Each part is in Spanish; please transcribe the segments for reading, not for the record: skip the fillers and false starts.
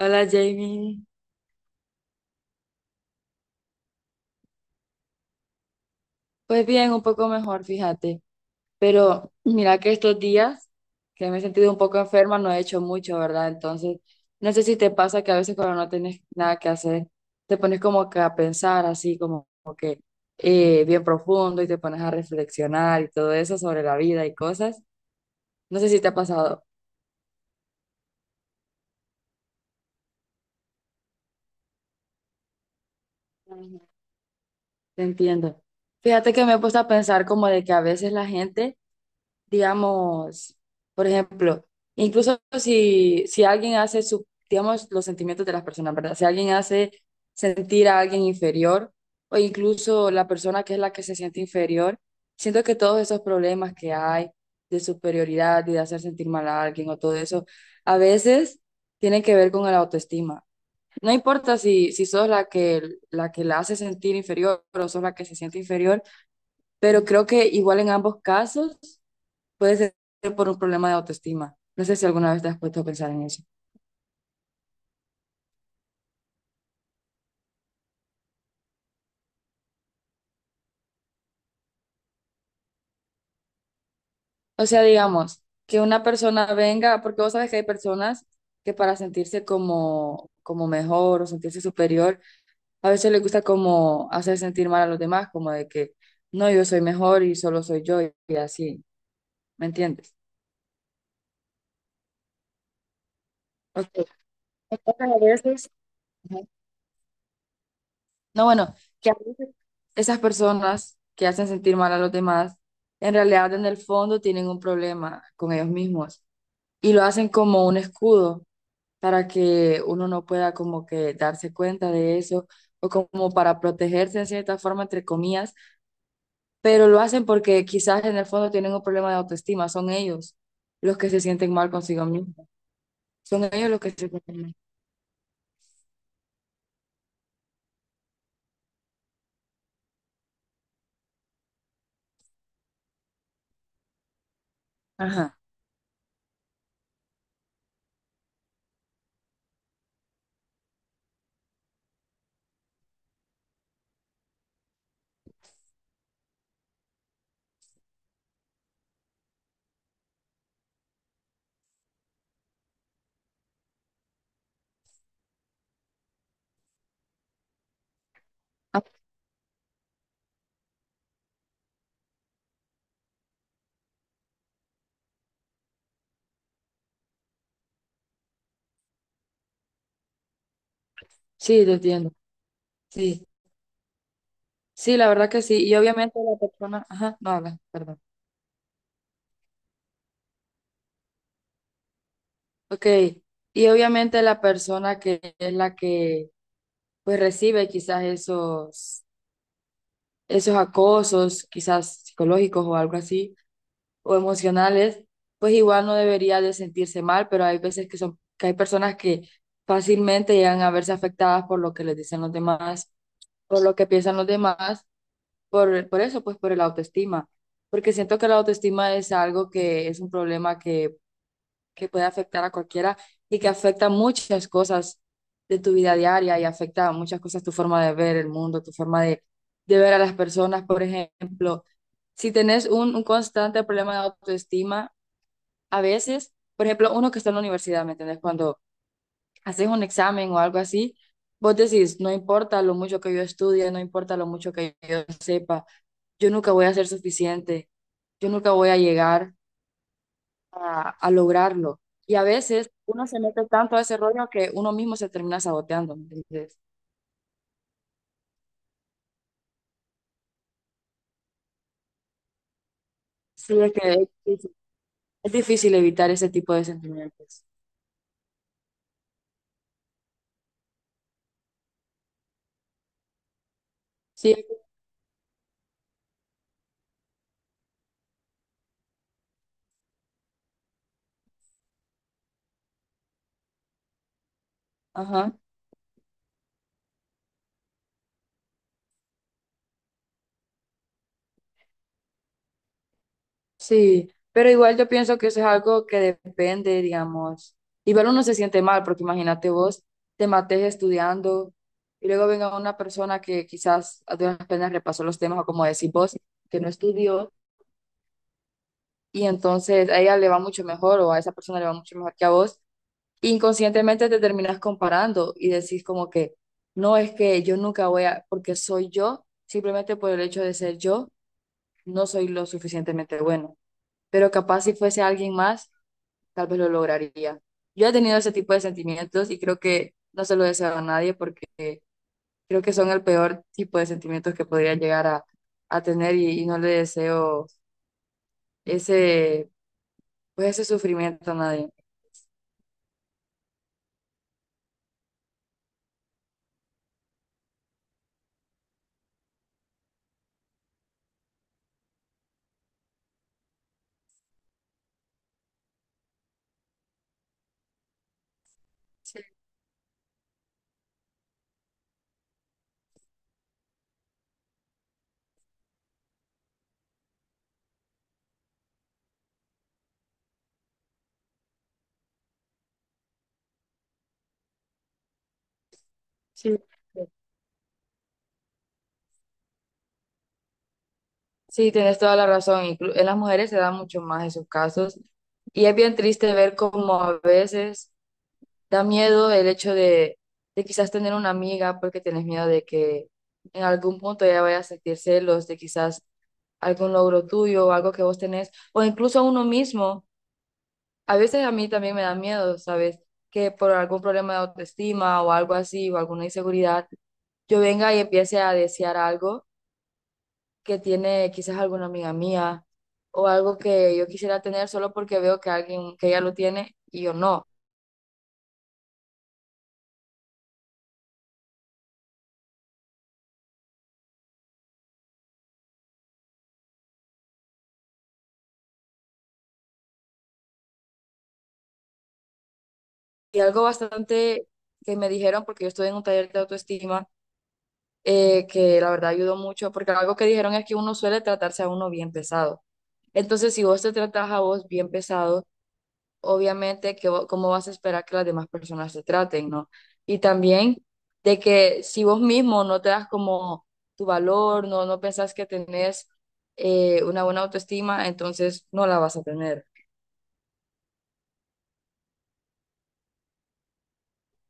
Hola, Jamie. Pues bien, un poco mejor, fíjate. Pero mira que estos días que me he sentido un poco enferma, no he hecho mucho, ¿verdad? Entonces, no sé si te pasa que a veces cuando no tienes nada que hacer, te pones como que a pensar así, como, como que bien profundo y te pones a reflexionar y todo eso sobre la vida y cosas. No sé si te ha pasado. Ujú. Te entiendo. Fíjate que me he puesto a pensar como de que a veces la gente, digamos, por ejemplo, incluso si alguien hace, su, digamos, los sentimientos de las personas, ¿verdad? Si alguien hace sentir a alguien inferior o incluso la persona que es la que se siente inferior, siento que todos esos problemas que hay de superioridad y de hacer sentir mal a alguien o todo eso, a veces tienen que ver con la autoestima. No importa si sos la que, la que la hace sentir inferior o sos la que se siente inferior, pero creo que igual en ambos casos puede ser por un problema de autoestima. No sé si alguna vez te has puesto a pensar en eso. O sea, digamos, que una persona venga, porque vos sabes que hay personas que para sentirse como, como mejor o sentirse superior, a veces les gusta como hacer sentir mal a los demás, como de que no, yo soy mejor y solo soy yo y así, ¿me entiendes? Ok. Entonces, a veces, ajá, no, bueno, que a veces esas personas que hacen sentir mal a los demás, en realidad en el fondo tienen un problema con ellos mismos y lo hacen como un escudo para que uno no pueda como que darse cuenta de eso o como para protegerse en cierta forma, entre comillas, pero lo hacen porque quizás en el fondo tienen un problema de autoestima, son ellos los que se sienten mal consigo mismos, son ellos los que se sienten mal. Ajá. Ah, sí, te entiendo. Sí, sí, la verdad que sí. Y obviamente la persona, ajá, no habla, perdón. Ok, y obviamente la persona que es la que pues recibe quizás esos acosos, quizás psicológicos o algo así, o emocionales, pues igual no debería de sentirse mal, pero hay veces que son, que hay personas que fácilmente llegan a verse afectadas por lo que les dicen los demás, por lo que piensan los demás, por eso, pues por el autoestima, porque siento que la autoestima es algo que es un problema que puede afectar a cualquiera y que afecta muchas cosas de tu vida diaria y afecta a muchas cosas tu forma de ver el mundo, tu forma de ver a las personas. Por ejemplo, si tenés un constante problema de autoestima, a veces, por ejemplo, uno que está en la universidad, ¿me entendés? Cuando haces un examen o algo así, vos decís, no importa lo mucho que yo estudie, no importa lo mucho que yo sepa, yo nunca voy a ser suficiente, yo nunca voy a llegar a lograrlo. Y a veces uno se mete tanto a ese rollo que uno mismo se termina saboteando, ¿no? Entonces sí, es que difícil, es difícil evitar ese tipo de sentimientos. Sí, es que, ajá, sí. Pero igual yo pienso que eso es algo que depende, digamos. Igual uno se siente mal, porque imagínate vos, te mates estudiando y luego venga una persona que quizás a duras penas repasó los temas o como decís vos, que no estudió y entonces a ella le va mucho mejor o a esa persona le va mucho mejor que a vos, inconscientemente te terminas comparando y decís como que no, es que yo nunca voy a, porque soy yo, simplemente por el hecho de ser yo, no soy lo suficientemente bueno. Pero capaz si fuese alguien más, tal vez lo lograría. Yo he tenido ese tipo de sentimientos y creo que no se lo deseo a nadie porque creo que son el peor tipo de sentimientos que podría llegar a tener y no le deseo ese, pues ese sufrimiento a nadie. Sí, sí. Sí, tienes toda la razón. Inclu- en las mujeres se dan mucho más esos casos. Y es bien triste ver cómo a veces da miedo el hecho de quizás tener una amiga porque tienes miedo de que en algún punto ella vaya a sentir celos de quizás algún logro tuyo o algo que vos tenés, o incluso a uno mismo. A veces a mí también me da miedo, ¿sabes? Que por algún problema de autoestima o algo así, o alguna inseguridad, yo venga y empiece a desear algo que tiene quizás alguna amiga mía o algo que yo quisiera tener solo porque veo que alguien que ya lo tiene y yo no. Y algo bastante que me dijeron, porque yo estoy en un taller de autoestima, que la verdad ayudó mucho, porque algo que dijeron es que uno suele tratarse a uno bien pesado. Entonces, si vos te tratas a vos bien pesado, obviamente, que, vo- cómo vas a esperar que las demás personas te traten, ¿no? Y también de que si vos mismo no te das como tu valor, no, no pensás que tenés una buena autoestima, entonces no la vas a tener.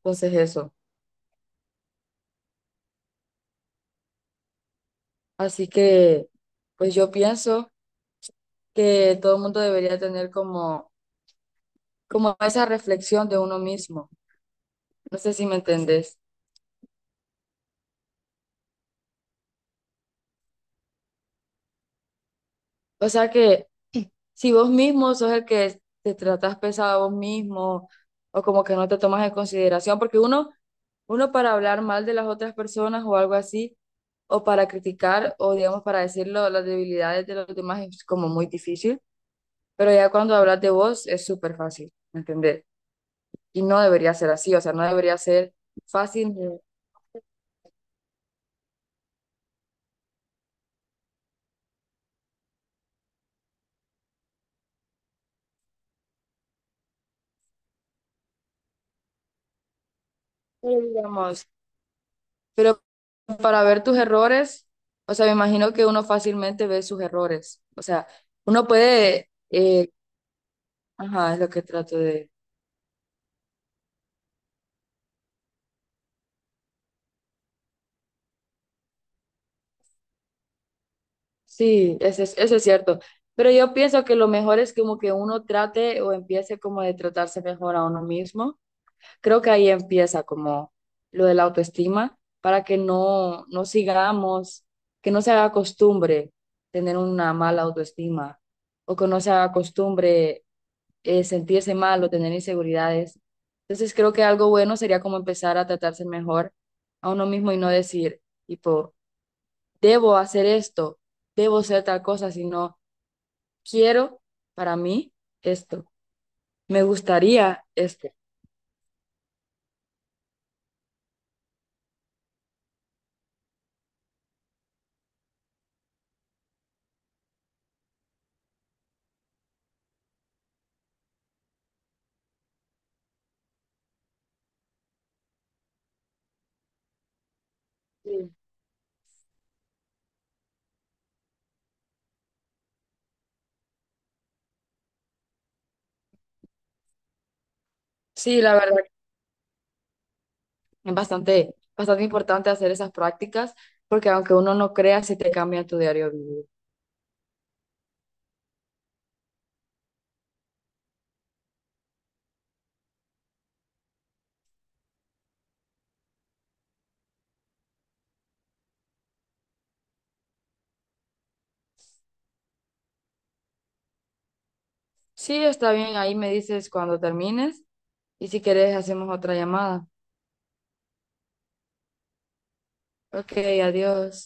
Entonces eso. Así que, pues yo pienso que todo el mundo debería tener como, como esa reflexión de uno mismo. No sé si me entendés. O sea que si vos mismo sos el que te tratas pesado a vos mismo o como que no te tomas en consideración, porque uno, uno para hablar mal de las otras personas o algo así, o para criticar o digamos para decirlo, las debilidades de los demás es como muy difícil, pero ya cuando hablas de vos es súper fácil, ¿me entendés? Y no debería ser así, o sea, no debería ser fácil, pero digamos, pero para ver tus errores, o sea, me imagino que uno fácilmente ve sus errores, o sea, uno puede... ajá, es lo que trato de... Sí, eso es cierto. Pero yo pienso que lo mejor es como que uno trate o empiece como de tratarse mejor a uno mismo. Creo que ahí empieza como lo de la autoestima para que no, no sigamos, que no se haga costumbre tener una mala autoestima o que no se haga costumbre sentirse mal o tener inseguridades. Entonces creo que algo bueno sería como empezar a tratarse mejor a uno mismo y no decir, tipo... debo hacer esto, debo ser tal cosa, sino quiero para mí esto, me gustaría esto. Sí, sí, la verdad, es bastante, bastante importante hacer esas prácticas porque aunque uno no crea, sí te cambia tu diario vivir. Sí, está bien, ahí me dices cuando termines y si quieres hacemos otra llamada. Ok, adiós.